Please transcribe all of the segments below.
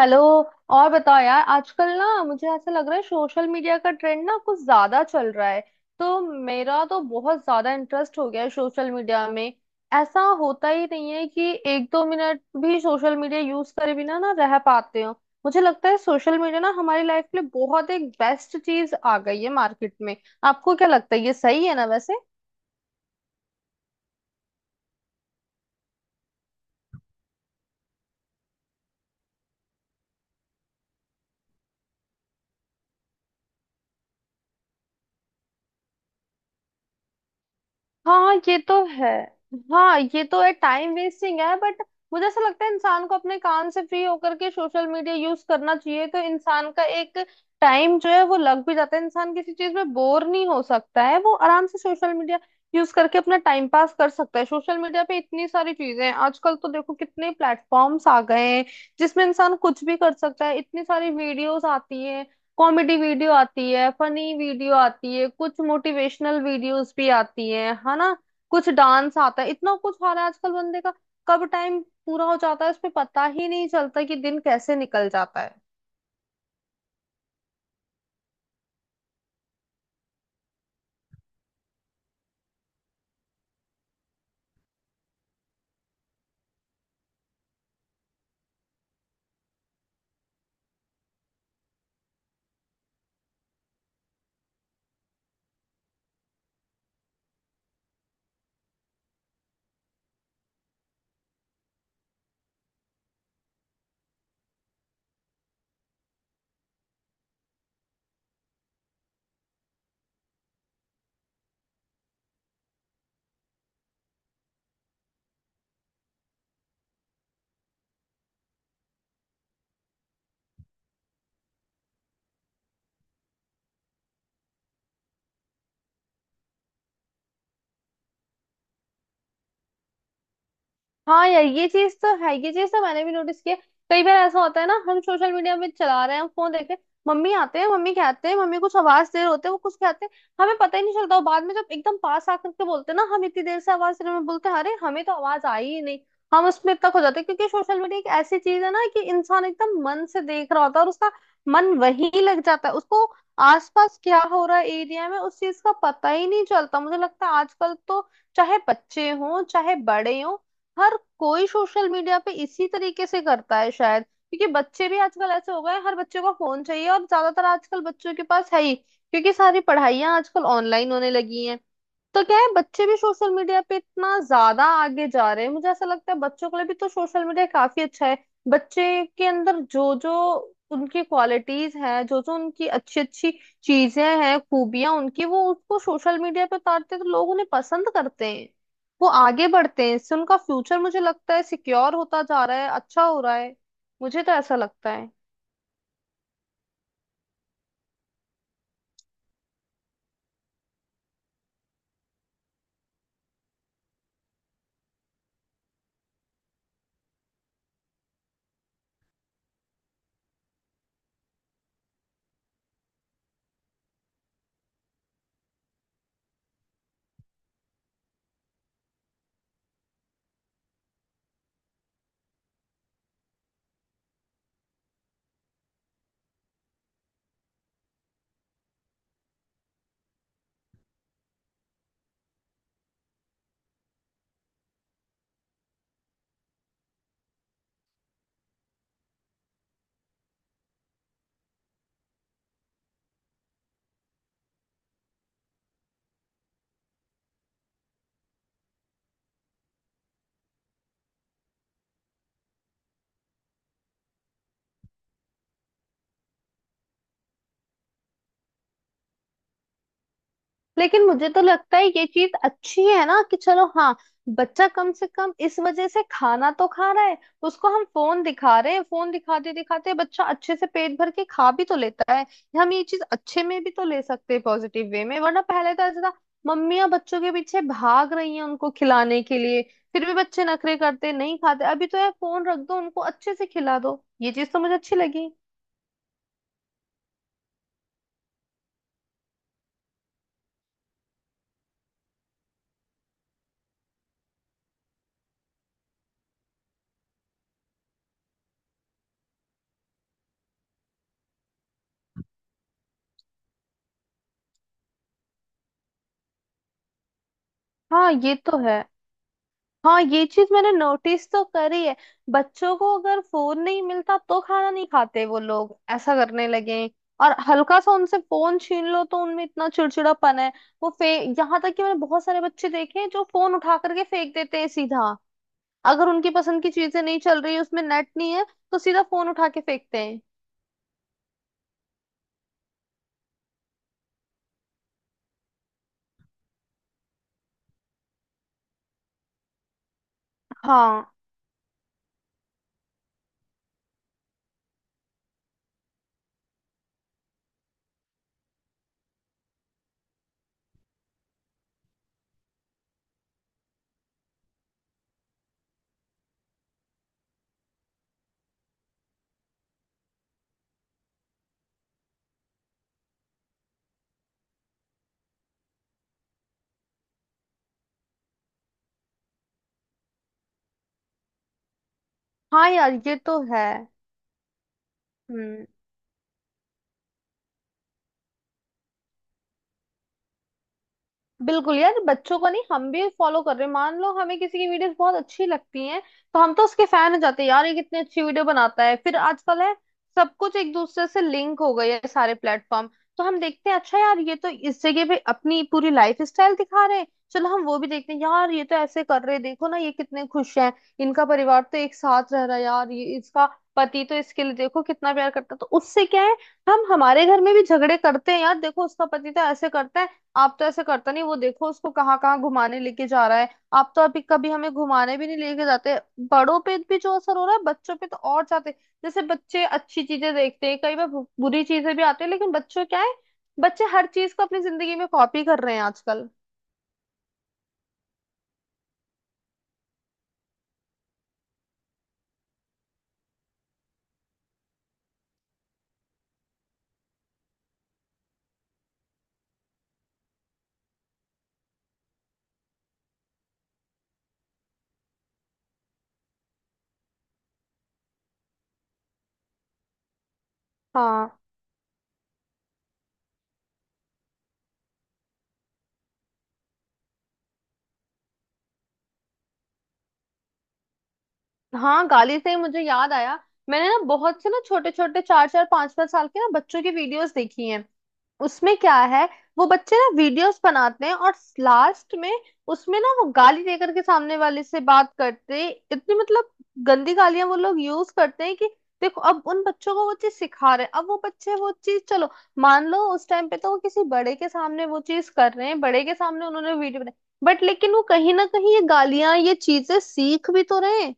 Hello. और बताओ यार, आजकल ना मुझे ऐसा लग रहा है सोशल मीडिया का ट्रेंड ना कुछ ज्यादा चल रहा है। तो मेरा तो बहुत ज्यादा इंटरेस्ट हो गया है सोशल मीडिया में। ऐसा होता ही नहीं है कि एक दो मिनट भी सोशल मीडिया यूज करे बिना ना रह पाते हो। मुझे लगता है सोशल मीडिया ना हमारी लाइफ के लिए बहुत एक बेस्ट चीज आ गई है मार्केट में। आपको क्या लगता है, ये सही है ना वैसे? हाँ, ये तो है। हाँ, ये तो है, टाइम वेस्टिंग है। बट मुझे ऐसा लगता है इंसान को अपने काम से फ्री होकर के सोशल मीडिया यूज करना चाहिए, तो इंसान का एक टाइम जो है वो लग भी जाता है, इंसान किसी चीज में बोर नहीं हो सकता है, वो आराम से सोशल मीडिया यूज करके अपना टाइम पास कर सकता है। सोशल मीडिया पे इतनी सारी चीजें हैं आजकल, तो देखो कितने प्लेटफॉर्म्स आ गए हैं जिसमें इंसान कुछ भी कर सकता है। इतनी सारी वीडियोस आती हैं, कॉमेडी वीडियो आती है, फनी वीडियो आती है, कुछ मोटिवेशनल वीडियोस भी आती है ना, कुछ डांस आता है, इतना कुछ आ रहा है आजकल। बंदे का कब टाइम पूरा हो जाता है उसमें पता ही नहीं चलता कि दिन कैसे निकल जाता है। हाँ यार, ये चीज तो है, ये चीज तो मैंने भी नोटिस किया। कई बार ऐसा होता है ना, हम सोशल मीडिया में चला रहे हैं, हम फोन देख रहे हैं, मम्मी आते हैं, मम्मी कहते हैं, मम्मी कुछ आवाज दे रहे होते हैं, वो कुछ कहते हैं, हमें पता ही नहीं चलता। वो बाद में जब एकदम पास आकर के बोलते हैं ना हम इतनी देर से आवाज दे रहे हैं, हम बोलते हैं अरे हमें तो आवाज आई ही नहीं। हम उसमें इतना खो जाते हैं क्योंकि सोशल मीडिया एक ऐसी चीज है ना कि इंसान एकदम मन से देख रहा होता है और उसका मन वहीं लग जाता है। उसको आसपास क्या हो रहा है एरिया में उस चीज का पता ही नहीं चलता। मुझे लगता है आजकल तो, चाहे बच्चे हों चाहे बड़े हों, हर कोई सोशल मीडिया पे इसी तरीके से करता है शायद, क्योंकि बच्चे भी आजकल ऐसे हो गए हैं, हर बच्चे को फोन चाहिए और ज्यादातर आजकल बच्चों के पास है ही, क्योंकि सारी पढ़ाइयाँ आजकल ऑनलाइन होने लगी हैं। तो क्या है, बच्चे भी सोशल मीडिया पे इतना ज्यादा आगे जा रहे हैं। मुझे ऐसा लगता है बच्चों के लिए भी तो सोशल मीडिया काफी अच्छा है। बच्चे के अंदर जो जो उनकी क्वालिटीज हैं, जो जो उनकी अच्छी अच्छी चीजें हैं, खूबियां उनकी, वो उसको सोशल मीडिया पे उतारते हैं, तो लोग उन्हें पसंद करते हैं, वो आगे बढ़ते हैं। इससे उनका फ्यूचर मुझे लगता है सिक्योर होता जा रहा है, अच्छा हो रहा है। मुझे तो ऐसा लगता है। लेकिन मुझे तो लगता है ये चीज अच्छी है ना, कि चलो हाँ, बच्चा कम से कम इस वजह से खाना तो खा रहा है। उसको हम फोन दिखा रहे हैं, फोन दिखाते दिखाते बच्चा अच्छे से पेट भर के खा भी तो लेता है। हम ये चीज अच्छे में भी तो ले सकते हैं, पॉजिटिव वे में, वरना पहले तो ऐसा था मम्मियां बच्चों के पीछे भाग रही हैं उनको खिलाने के लिए, फिर भी बच्चे नखरे करते नहीं खाते। अभी तो यार, फोन रख दो उनको अच्छे से खिला दो, ये चीज तो मुझे अच्छी लगी। हाँ ये तो है। हाँ, ये चीज मैंने नोटिस तो करी है, बच्चों को अगर फोन नहीं मिलता तो खाना नहीं खाते, वो लोग ऐसा करने लगे हैं। और हल्का सा उनसे फोन छीन लो तो उनमें इतना चिड़चिड़ापन है। वो फे यहाँ तक कि मैंने बहुत सारे बच्चे देखे हैं जो फोन उठा करके फेंक देते हैं सीधा। अगर उनकी पसंद की चीजें नहीं चल रही, उसमें नेट नहीं है, तो सीधा फोन उठा के फेंकते हैं। हाँ। हाँ यार, ये तो है। हम्म, बिल्कुल यार, बच्चों को नहीं हम भी फॉलो कर रहे हैं। मान लो हमें किसी की वीडियोस बहुत अच्छी लगती हैं, तो हम तो उसके फैन हो जाते हैं, यार ये कितनी अच्छी वीडियो बनाता है। फिर आजकल है सब कुछ एक दूसरे से लिंक हो गए हैं सारे प्लेटफॉर्म। तो हम देखते हैं अच्छा यार, ये तो इस जगह पे अपनी पूरी लाइफ स्टाइल दिखा रहे हैं, चलो हम वो भी देखते हैं। यार ये तो ऐसे कर रहे हैं, देखो ना ये कितने खुश हैं, इनका परिवार तो एक साथ रह रहा है, यार ये इसका पति तो इसके लिए देखो कितना प्यार करता है। तो उससे क्या है, हम हमारे घर में भी झगड़े करते हैं, यार देखो उसका पति तो ऐसे करता है, आप तो ऐसे करता नहीं, वो देखो उसको कहाँ कहाँ घुमाने लेके जा रहा है, आप तो अभी कभी हमें घुमाने भी नहीं लेके जाते। बड़ों पे भी जो असर हो रहा है बच्चों पे तो और जाते। जैसे बच्चे अच्छी चीजें देखते हैं, कई बार बुरी चीजें भी आती है, लेकिन बच्चों क्या है, बच्चे हर चीज को अपनी जिंदगी में कॉपी कर रहे हैं आजकल। हाँ। हाँ, गाली से ही मुझे याद आया। मैंने ना बहुत से ना छोटे छोटे चार चार पांच पांच साल के ना बच्चों की वीडियोस देखी हैं। उसमें क्या है, वो बच्चे ना वीडियोस बनाते हैं और लास्ट में उसमें ना वो गाली देकर के सामने वाले से बात करते हैं। इतनी मतलब गंदी गालियां वो लोग यूज करते हैं कि देखो अब उन बच्चों को वो चीज सिखा रहे हैं। अब वो बच्चे वो चीज, चलो मान लो उस टाइम पे तो वो किसी बड़े के सामने वो चीज कर रहे हैं, बड़े के सामने उन्होंने वीडियो बनाई, बट लेकिन वो कहीं ना कहीं ये गालियां ये चीजें सीख भी तो रहे हैं।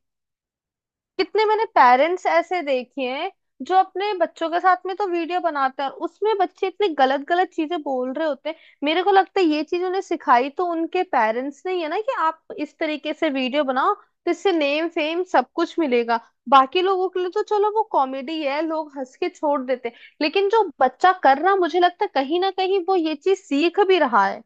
कितने मैंने पेरेंट्स ऐसे देखे हैं जो अपने बच्चों के साथ में तो वीडियो बनाते हैं और उसमें बच्चे इतनी गलत गलत चीजें बोल रहे होते हैं। मेरे को लगता है ये चीज उन्हें सिखाई तो उनके पेरेंट्स ने ही है ना, कि आप इस तरीके से वीडियो बनाओ तो इससे नेम फेम सब कुछ मिलेगा। बाकी लोगों के लिए तो चलो वो कॉमेडी है, लोग हंस के छोड़ देते हैं। लेकिन जो बच्चा कर रहा मुझे लगता है कहीं ना कहीं वो ये चीज सीख भी रहा है,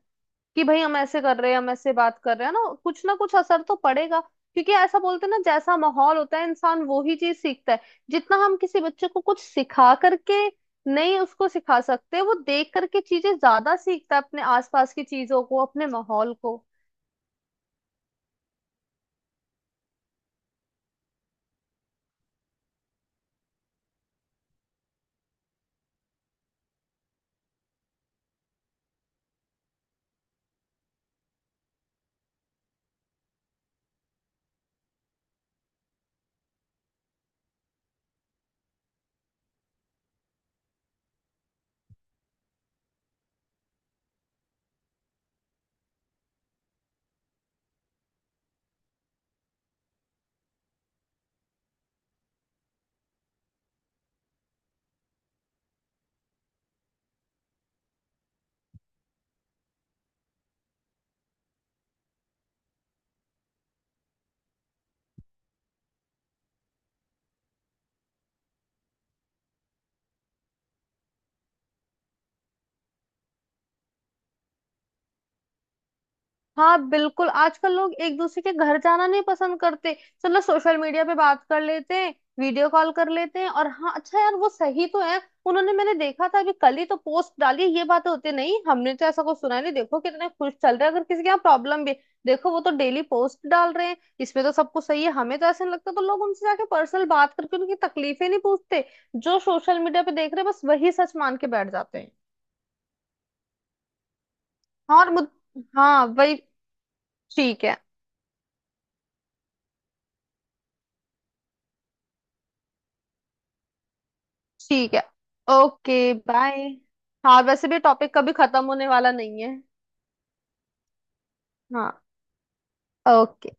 कि भाई हम ऐसे कर रहे हैं, हम ऐसे बात कर रहे हैं, ना कुछ असर तो पड़ेगा। क्योंकि ऐसा बोलते हैं ना जैसा माहौल होता है इंसान वो ही चीज सीखता है। जितना हम किसी बच्चे को कुछ सिखा करके नहीं उसको सिखा सकते, वो देख करके चीजें ज्यादा सीखता है अपने आसपास की चीजों को, अपने माहौल को। हाँ बिल्कुल, आजकल लोग एक दूसरे के घर जाना नहीं पसंद करते, चलो सोशल मीडिया पे बात कर लेते हैं, वीडियो कॉल कर लेते हैं। और हाँ, अच्छा यार, वो सही तो है। उन्होंने मैंने देखा था अभी कल ही तो पोस्ट डाली, ये बात होती नहीं हमने तो ऐसा कुछ सुना नहीं, देखो कितने खुश चल रहे हैं। अगर किसी के यहाँ प्रॉब्लम भी है, देखो वो तो डेली पोस्ट डाल रहे हैं, इसमें तो सब कुछ सही है हमें तो ऐसे नहीं लगता, तो लोग उनसे जाके पर्सनल बात करके उनकी तकलीफें नहीं पूछते। जो सोशल मीडिया पे देख रहे हैं बस वही सच मान के बैठ जाते हैं। हाँ और मुझ हाँ वही, ठीक है, ठीक है, ओके बाय। हाँ वैसे भी टॉपिक कभी खत्म होने वाला नहीं है। हाँ, ओके।